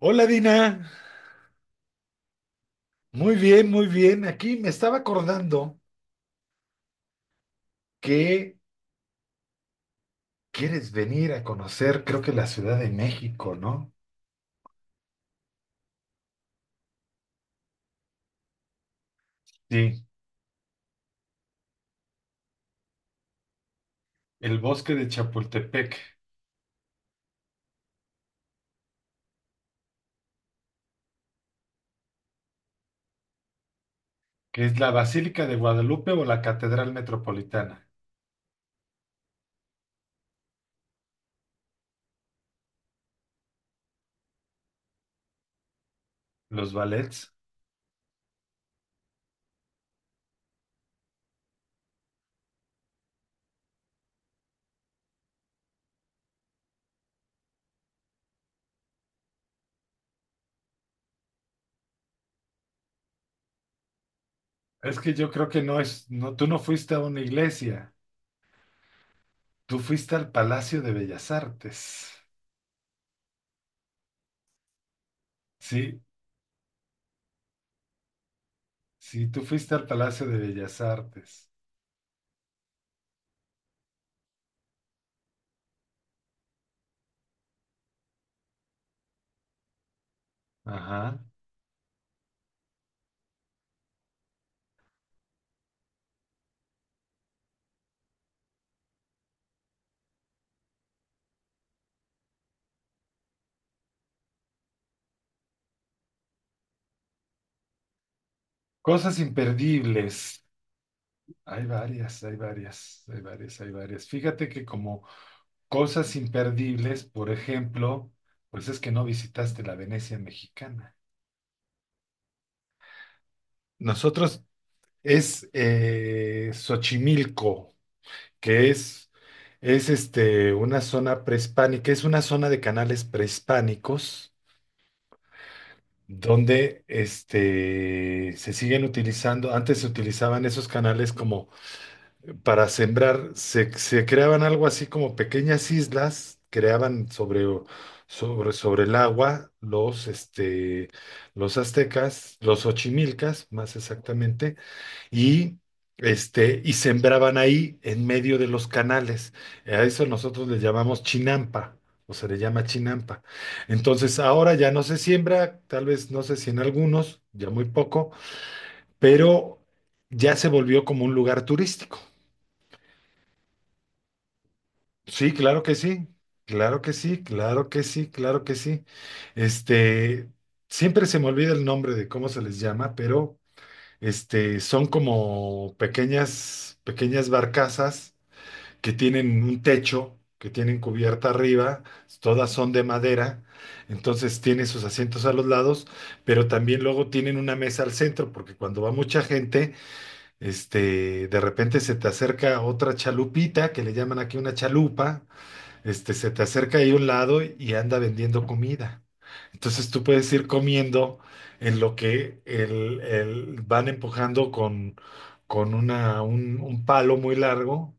Hola Dina, muy bien, muy bien. Aquí me estaba acordando que quieres venir a conocer, creo que la Ciudad de México, ¿no? Sí, el bosque de Chapultepec, que es la Basílica de Guadalupe o la Catedral Metropolitana, los ballets. Es que yo creo que no es, no, tú no fuiste a una iglesia, tú fuiste al Palacio de Bellas Artes. Sí, sí, tú fuiste al Palacio de Bellas Artes. Ajá. Cosas imperdibles. Hay varias, hay varias, hay varias, hay varias. Fíjate que como cosas imperdibles, por ejemplo, pues es que no visitaste la Venecia mexicana. Nosotros es Xochimilco, que es una zona prehispánica, es una zona de canales prehispánicos donde se siguen utilizando. Antes se utilizaban esos canales como para sembrar, se creaban algo así como pequeñas islas, creaban sobre, sobre el agua los aztecas, los ochimilcas más exactamente, y, y sembraban ahí en medio de los canales. A eso nosotros le llamamos chinampa. O se le llama chinampa. Entonces, ahora ya no se siembra, tal vez no sé si en algunos, ya muy poco, pero ya se volvió como un lugar turístico. Sí, claro que sí, claro que sí, claro que sí, claro que sí. Este, siempre se me olvida el nombre de cómo se les llama, pero son como pequeñas, pequeñas barcazas que tienen un techo, que tienen cubierta arriba, todas son de madera, entonces tiene sus asientos a los lados, pero también luego tienen una mesa al centro, porque cuando va mucha gente, de repente se te acerca otra chalupita, que le llaman aquí una chalupa. Se te acerca ahí a un lado y anda vendiendo comida. Entonces tú puedes ir comiendo en lo que van empujando con, un palo muy largo,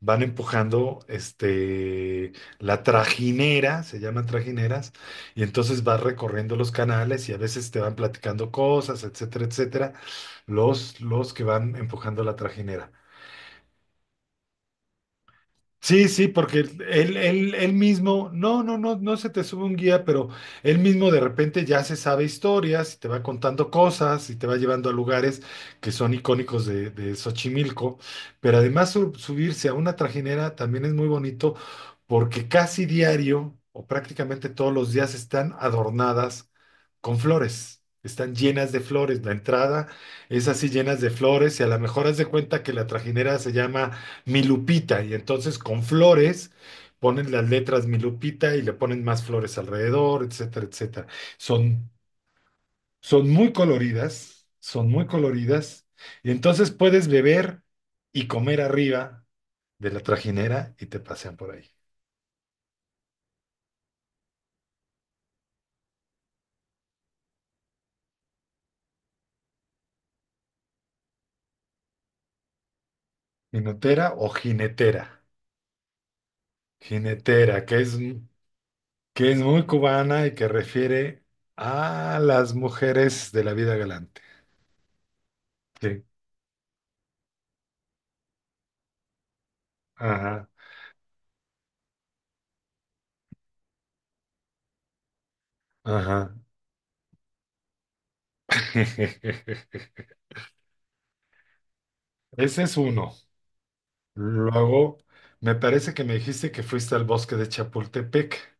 van empujando la trajinera, se llaman trajineras, y entonces vas recorriendo los canales y a veces te van platicando cosas, etcétera, etcétera, los que van empujando la trajinera. Sí, sí, porque él mismo, no, no, no, no se te sube un guía, pero él mismo de repente ya se sabe historias y te va contando cosas y te va llevando a lugares que son icónicos de Xochimilco. Pero además subirse a una trajinera también es muy bonito porque casi diario o prácticamente todos los días están adornadas con flores. Están llenas de flores, la entrada es así llenas de flores y a lo mejor haz de cuenta que la trajinera se llama Mi Lupita, y entonces con flores ponen las letras Mi Lupita y le ponen más flores alrededor, etcétera, etcétera. Son, son muy coloridas, son muy coloridas, y entonces puedes beber y comer arriba de la trajinera y te pasean por ahí. Jinotera o jinetera. Jinetera, que es muy cubana y que refiere a las mujeres de la vida galante. Sí, ajá, ajá. Ese es uno. Luego, me parece que me dijiste que fuiste al bosque de Chapultepec,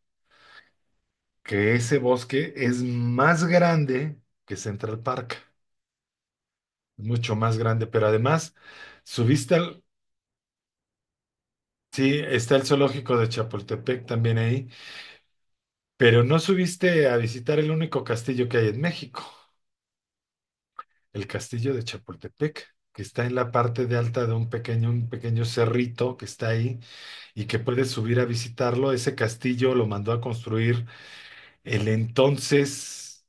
que ese bosque es más grande que Central Park, mucho más grande, pero además subiste al, sí, está el zoológico de Chapultepec también ahí, pero no subiste a visitar el único castillo que hay en México, el castillo de Chapultepec, que está en la parte de alta de un pequeño cerrito que está ahí y que puedes subir a visitarlo. Ese castillo lo mandó a construir el entonces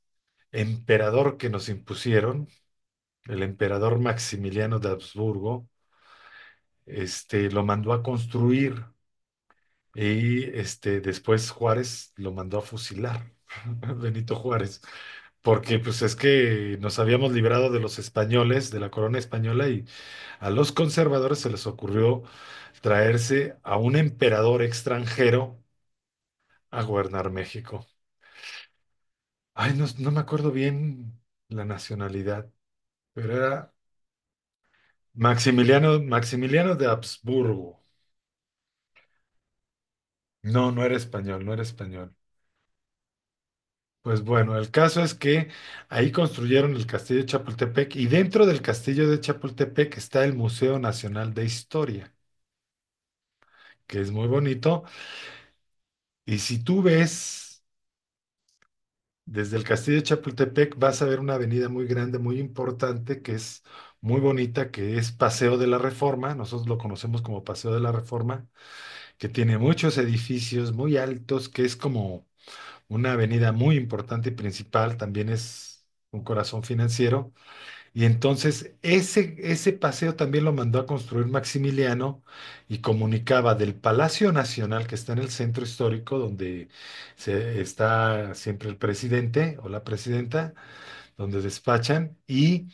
emperador que nos impusieron, el emperador Maximiliano de Habsburgo. Lo mandó a construir y después Juárez lo mandó a fusilar, Benito Juárez, porque pues es que nos habíamos librado de los españoles, de la corona española, y a los conservadores se les ocurrió traerse a un emperador extranjero a gobernar México. Ay, no, no me acuerdo bien la nacionalidad. Pero era Maximiliano, Maximiliano de Habsburgo. No, no era español, no era español. Pues bueno, el caso es que ahí construyeron el castillo de Chapultepec y dentro del castillo de Chapultepec está el Museo Nacional de Historia, que es muy bonito. Y si tú ves desde el castillo de Chapultepec, vas a ver una avenida muy grande, muy importante, que es muy bonita, que es Paseo de la Reforma. Nosotros lo conocemos como Paseo de la Reforma, que tiene muchos edificios muy altos, que es como una avenida muy importante y principal. También es un corazón financiero. Y entonces ese paseo también lo mandó a construir Maximiliano y comunicaba del Palacio Nacional que está en el centro histórico, donde está siempre el presidente o la presidenta, donde despachan, y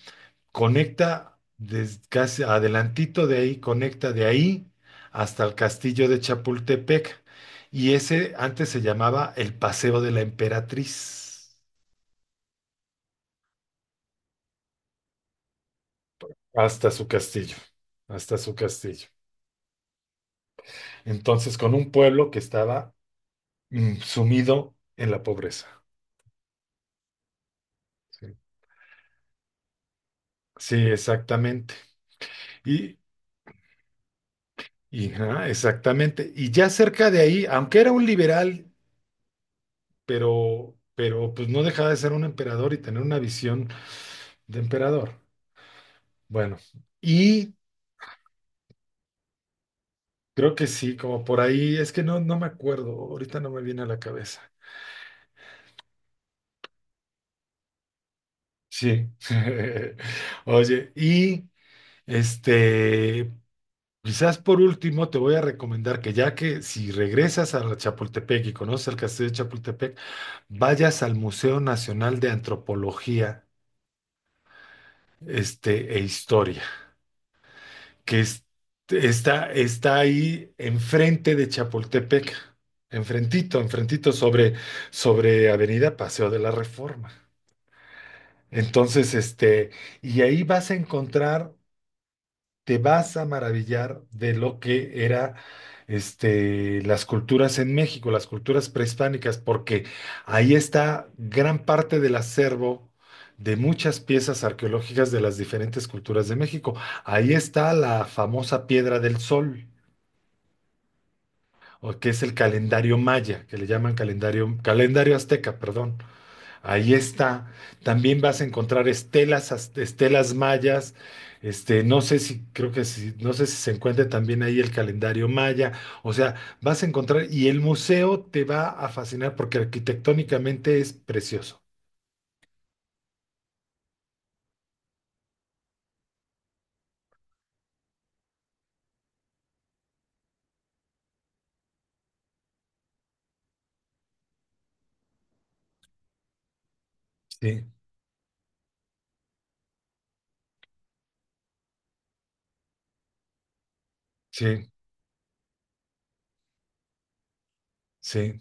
conecta desde casi adelantito de ahí, conecta de ahí hasta el castillo de Chapultepec. Y ese antes se llamaba el Paseo de la Emperatriz, hasta su castillo, hasta su castillo. Entonces, con un pueblo que estaba sumido en la pobreza. Sí, sí, exactamente. Y, ajá, exactamente. Y ya cerca de ahí, aunque era un liberal, pero, pues no dejaba de ser un emperador y tener una visión de emperador. Bueno, y creo que sí, como por ahí, es que no, no me acuerdo, ahorita no me viene a la cabeza. Sí. Oye, y este, quizás por último te voy a recomendar que ya que si regresas a Chapultepec y conoces el castillo de Chapultepec, vayas al Museo Nacional de Antropología, e Historia. que es- está, ahí enfrente de Chapultepec, enfrentito, enfrentito sobre Avenida Paseo de la Reforma. Entonces, y ahí vas a encontrar, te vas a maravillar de lo que era, las culturas en México, las culturas prehispánicas, porque ahí está gran parte del acervo de muchas piezas arqueológicas de las diferentes culturas de México. Ahí está la famosa Piedra del Sol, o que es el calendario maya, que le llaman calendario, calendario azteca, perdón. Ahí está. También vas a encontrar estelas, estelas mayas. No sé si, creo que si, no sé si se encuentra también ahí el calendario maya. O sea, vas a encontrar, y el museo te va a fascinar porque arquitectónicamente es precioso. Sí, sí, sí,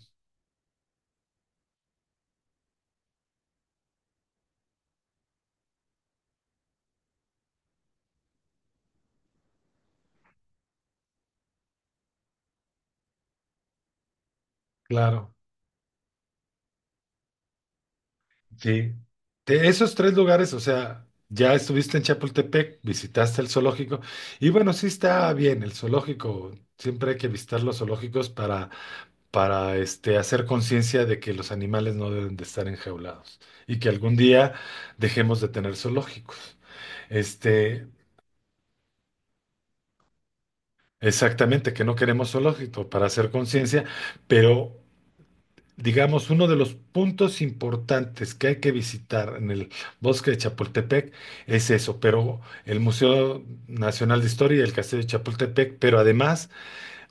claro. Sí. De esos tres lugares, o sea, ya estuviste en Chapultepec, visitaste el zoológico, y bueno, sí está bien el zoológico. Siempre hay que visitar los zoológicos para, hacer conciencia de que los animales no deben de estar enjaulados y que algún día dejemos de tener zoológicos. Este, exactamente, que no queremos zoológico para hacer conciencia, pero digamos, uno de los puntos importantes que hay que visitar en el bosque de Chapultepec es eso, pero el Museo Nacional de Historia y el Castillo de Chapultepec. Pero además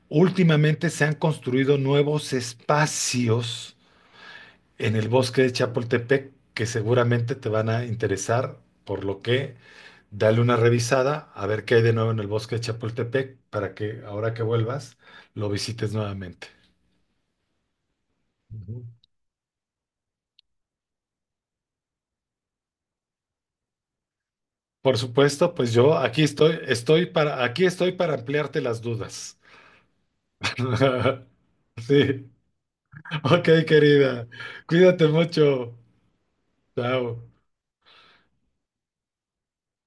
últimamente se han construido nuevos espacios en el bosque de Chapultepec que seguramente te van a interesar, por lo que dale una revisada a ver qué hay de nuevo en el bosque de Chapultepec para que ahora que vuelvas lo visites nuevamente. Ujú. Por supuesto, pues yo aquí estoy, aquí estoy para ampliarte las dudas. Sí, ok, querida. Cuídate mucho. Chao.